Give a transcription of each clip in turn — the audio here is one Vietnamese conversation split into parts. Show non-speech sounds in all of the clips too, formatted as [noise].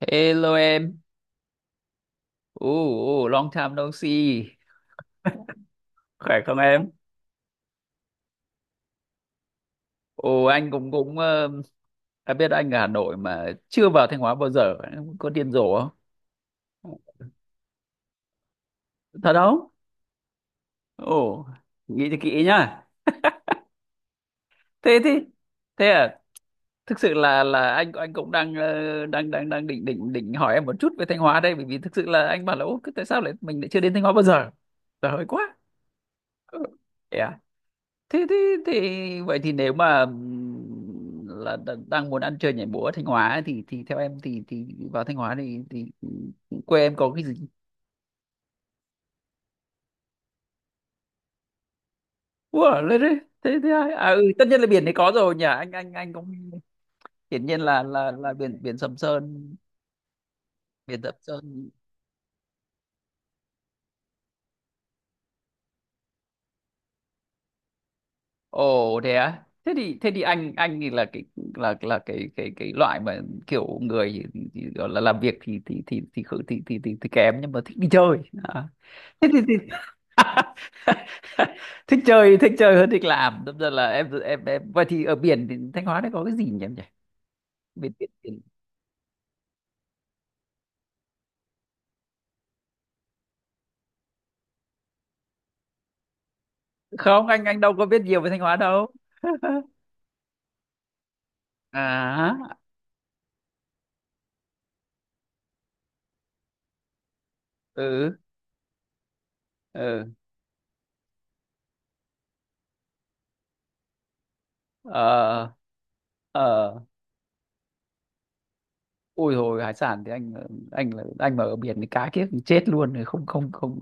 Hello em, ồ oh, long time no see, khỏe không em? Ồ anh cũng cũng ờ, em biết anh ở Hà Nội mà chưa vào Thanh Hóa bao giờ. Em có điên rồ không? Thật không? Ồ, nghĩ cho kỹ nhá. Thế thế thế à? Thực sự là anh cũng đang ờ, đang đang đang định định định hỏi em một chút về Thanh Hóa đây, bởi vì thực sự là anh bảo là ô tại sao lại mình lại chưa đến Thanh Hóa bao giờ? Trời ơi quá. Ừ. thế thế thì vậy thì nếu mà là đang muốn ăn chơi nhảy múa ở Thanh Hóa ấy, thì theo em thì vào Thanh Hóa thì ừ, quê em có cái gì. Ủa, lên đấy thế thế ai à ừ, tất nhiên là biển này có rồi nhỉ, anh cũng hiển nhiên là biển biển Sầm Sơn. Biển Sầm Sơn ồ thế á, thế thì anh thì là cái là cái cái loại mà kiểu người gọi là làm việc thì thì kém nhưng mà thích đi chơi à. Thế thì, [laughs] thích chơi hơn thích làm, đâm ra là em em vậy thì ở biển thì Thanh Hóa đấy có cái gì nhỉ em nhỉ? Biển, biển, biển. Không, anh đâu có biết nhiều về Thanh Hóa đâu. [laughs] À, ừ. Ừ. Ờ. Ờ, ôi rồi hải sản thì anh là anh mà ở biển thì cá kiếp chết luôn rồi, không, không, không.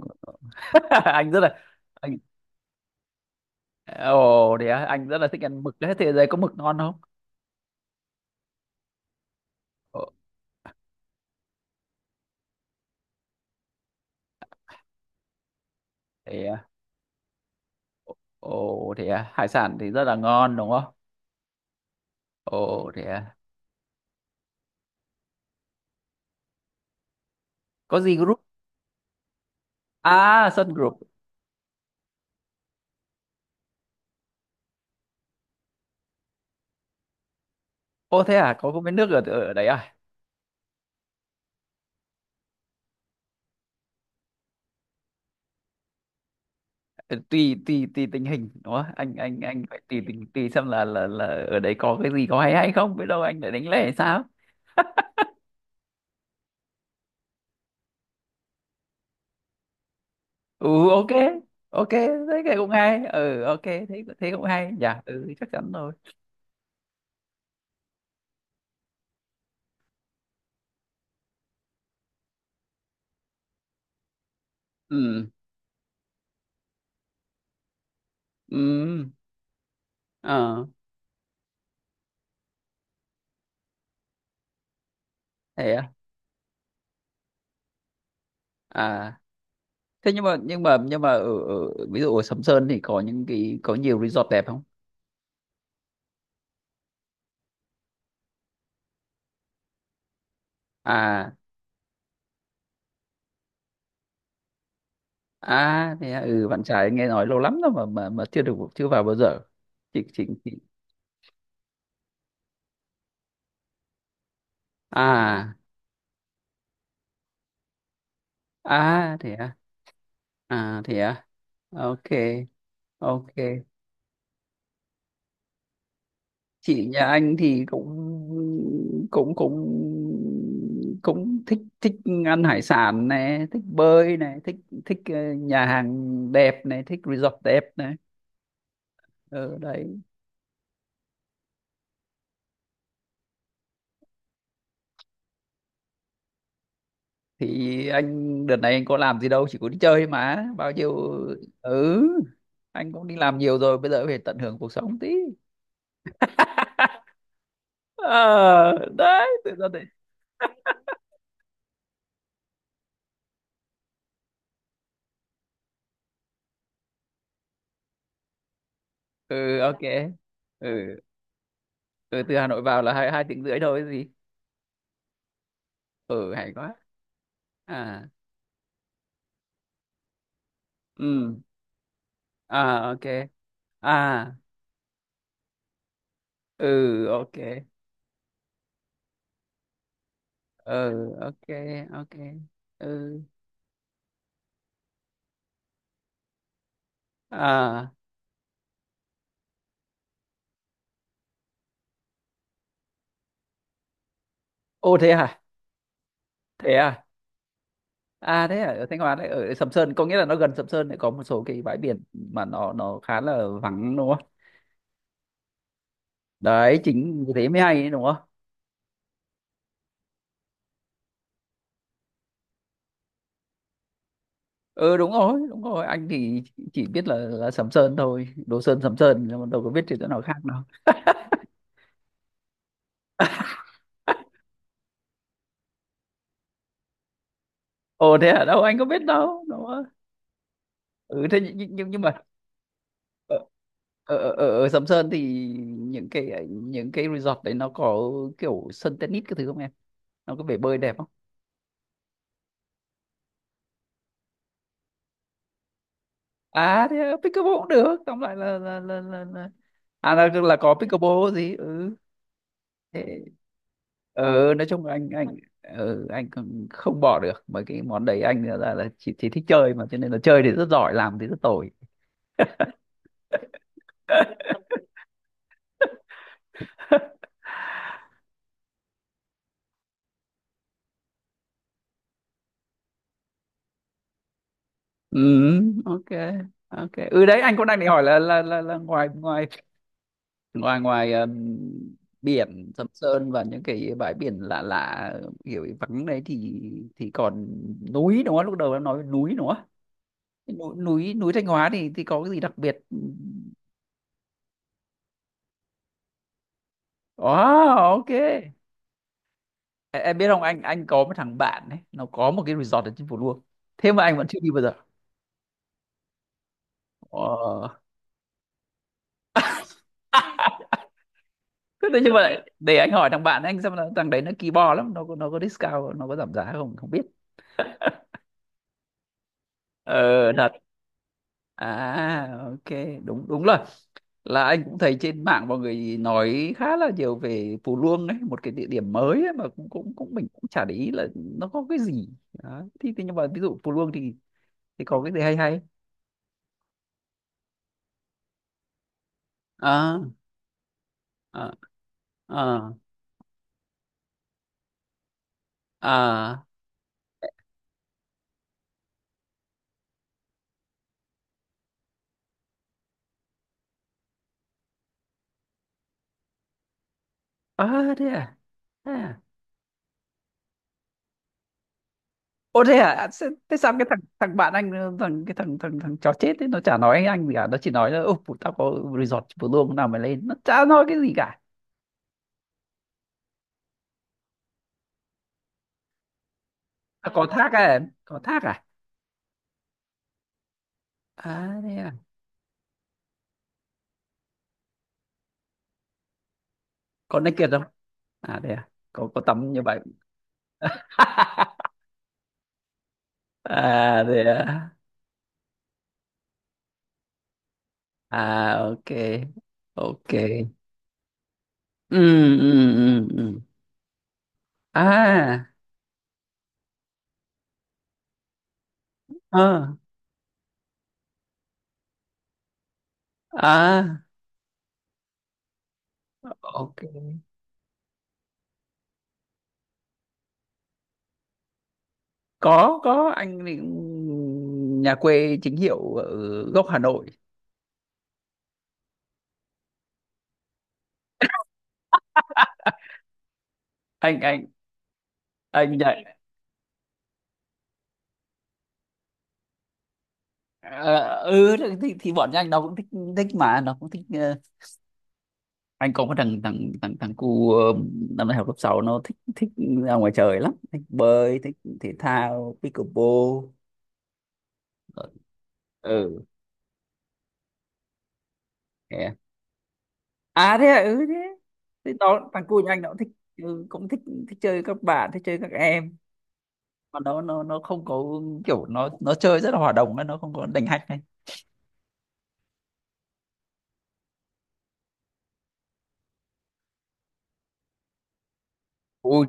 [laughs] Anh rất là, anh ồ thế à, anh rất là thích ăn mực đấy, thế giới có mực ngon không? Ồ thế à? Ồ thế à? Hải sản thì rất là ngon đúng không? Ồ thế à. Có gì group? À Sun Group. Ô thế à, có mấy nước ở ở đấy à? Ừ, Tùy tùy tùy tình hình đúng không? Anh phải tùy tình, tùy xem là là ở đấy có cái gì có hay hay không, biết đâu anh lại đánh lẻ hay sao? Ừ ok. Ok, thấy cái cũng hay. Ừ ok, thấy thấy cũng hay. Dạ, ừ chắc chắn rồi. Ừ. Ừ. Ờ thế à. À, thế nhưng mà nhưng mà ở ví dụ ở Sầm Sơn thì có những cái có nhiều resort đẹp không? À. À, thế à, ừ, bạn trai nghe nói lâu lắm rồi mà mà chưa được, chưa vào bao giờ. Chị. À, à thế à. À thế à. Ok, ok. Chị nhà anh thì cũng cũng cũng cũng thích thích ăn hải sản này, thích bơi này, thích thích ờ, nhà hàng đẹp này, thích resort đẹp này. Ừ, đấy. Thì anh đợt này anh có làm gì đâu, chỉ có đi chơi mà bao nhiêu. Ừ, anh cũng đi làm nhiều rồi bây giờ phải tận hưởng cuộc sống tí. [laughs] Ờ, đấy tự do đấy. Ừ ok. Ừ, ừ từ Hà Nội vào là hai hai tiếng rưỡi thôi gì. Ừ hay quá. À. Ừ. À ok. À. Ừ ok. Ừ ok. Ok. Ừ. À. Ô thế à. Thế à. À thế ở Thanh Hóa đấy ở Sầm Sơn có nghĩa là nó gần Sầm Sơn lại có một số cái bãi biển mà nó khá là vắng đúng không? Đấy chính vì thế mới hay đấy, đúng không? Ừ đúng rồi, anh thì chỉ biết là Sầm Sơn thôi, Đồ Sơn Sầm Sơn nhưng mà đâu có biết thì chỗ nào khác đâu. [laughs] Ồ thế à, đâu anh có biết đâu, đúng không? Ừ thế nhưng mà ở, ở Sầm Sơn thì những cái resort đấy nó có kiểu sân tennis cái thứ không em? Nó có bể bơi đẹp không? À thế à, pickleball cũng được, tóm lại là à là có pickleball gì ừ thế ừ, nói chung là anh ừ, anh cũng không bỏ được mấy cái món đấy, anh là chỉ thích chơi mà cho nên là chơi thì rất giỏi làm thì rất tồi. [laughs] Ừ ok. Ok, ừ đấy anh cũng đang định hỏi là là ngoài ngoài biển Sầm Sơn và những cái bãi biển lạ lạ kiểu vắng đấy thì còn núi đúng không, lúc đầu em nói núi đúng không? Núi núi núi Thanh Hóa thì có cái gì đặc biệt? Ồ, ok. Em biết không, anh có một thằng bạn ấy nó có một cái resort ở trên Phú Luông, thế mà anh vẫn chưa đi bao giờ. Ờ. [laughs] Thế đấy nhưng mà để anh hỏi thằng bạn anh xem là thằng đấy nó kỳ bò lắm, nó có discount, nó có giảm giá không không biết. Ờ, thật à. Ok. đúng đúng rồi, là anh cũng thấy trên mạng mọi người nói khá là nhiều về Phú Luông ấy, một cái địa điểm mới ấy, mà cũng cũng cũng mình cũng chả để ý là nó có cái gì. Đó. Thì nhưng mà ví dụ Phú Luông thì có cái gì hay hay à, à, à, à, à thế à, thế à, ô thế à. À, thế sao cái thằng thằng bạn anh ờ, thằng cái thằng thằng thằng chó chết ấy nó chả nói anh gì cả, nó chỉ nói là ô tao có resort vừa luôn nào mày lên, nó chả nói cái gì cả. À, có thác à, em có thác à? À thế à, có naked không? À thế à, có tắm như vậy. [laughs] À thế à. À ok. Ok. Ừ, ừ, ừ, ừ. Ừ. À. Ờ. À ok. Có anh thì nhà quê chính hiệu ở gốc Hà Nội. Anh anh anh dạy ờ, ừ thì bọn anh nó cũng thích, thích mà nó cũng thích ờ, anh có một thằng thằng thằng thằng cu ờ, năm nay học lớp sáu, nó thích thích ra ngoài trời lắm, thích bơi, thích thể thao pickleball. Ờ, ừ thế à. À thế à, ừ thế, thế nó thằng cu nhà anh nó cũng thích, ừ, cũng thích thích chơi các bạn, thích chơi các em mà nó nó không có kiểu, nó chơi rất là hòa đồng ấy, nó không có đành hạch này. Ôi,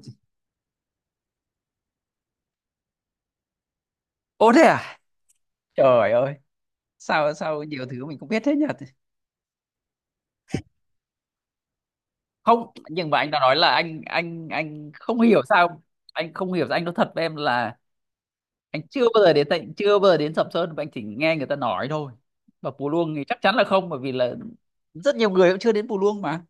ô thế à. Trời ơi, sao sao nhiều thứ mình không biết thế nhỉ. Không, nhưng mà anh đã nói là anh không hiểu sao, anh không hiểu sao, anh nói thật với em là anh chưa bao giờ đến, tận chưa bao giờ đến Sầm Sơn mà anh chỉ nghe người ta nói thôi. Và Pù Luông thì chắc chắn là không bởi vì là rất nhiều người cũng chưa đến Pù Luông mà.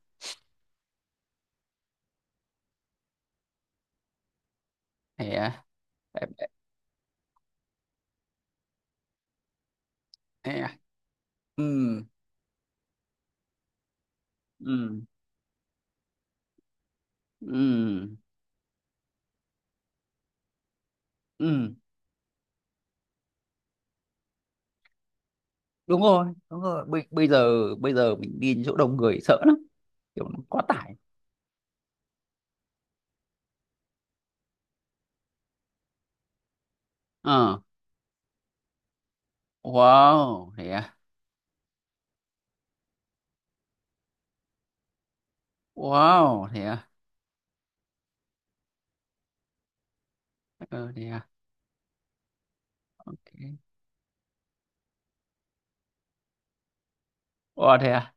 Thế à, thế à. Thế à. Ừ, ừ, ừ. Ừ đúng rồi bây giờ mình đi chỗ đông người sợ lắm, kiểu nó quá tải. Ờ. Wow thế à. Wow thế à. Ờ thế à. Ok. Wow thế à.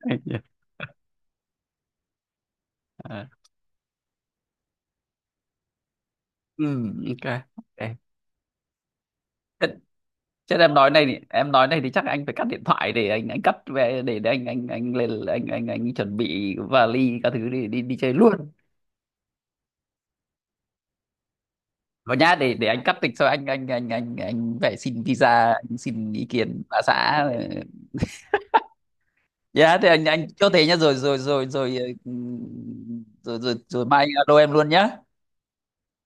[laughs] Ờ, ừ ok. Ok. Thế- thế em nói này thì em nói này thì chắc anh phải cắt điện thoại để anh cắt về để anh lên anh chuẩn bị vali các thứ đi đi đi chơi luôn. Và nhá để anh cắt tịch sau anh phải xin visa, anh xin ý kiến bà xã. Dạ thì anh chốt thế nhá rồi rồi rồi rồi. Ừ, rồi rồi, rồi mai anh alo em luôn nhá.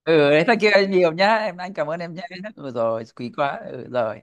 Ừ, thế kia nhiều nhá em, anh cảm ơn em nhá. Ừ, rồi quý quá, ừ, rồi.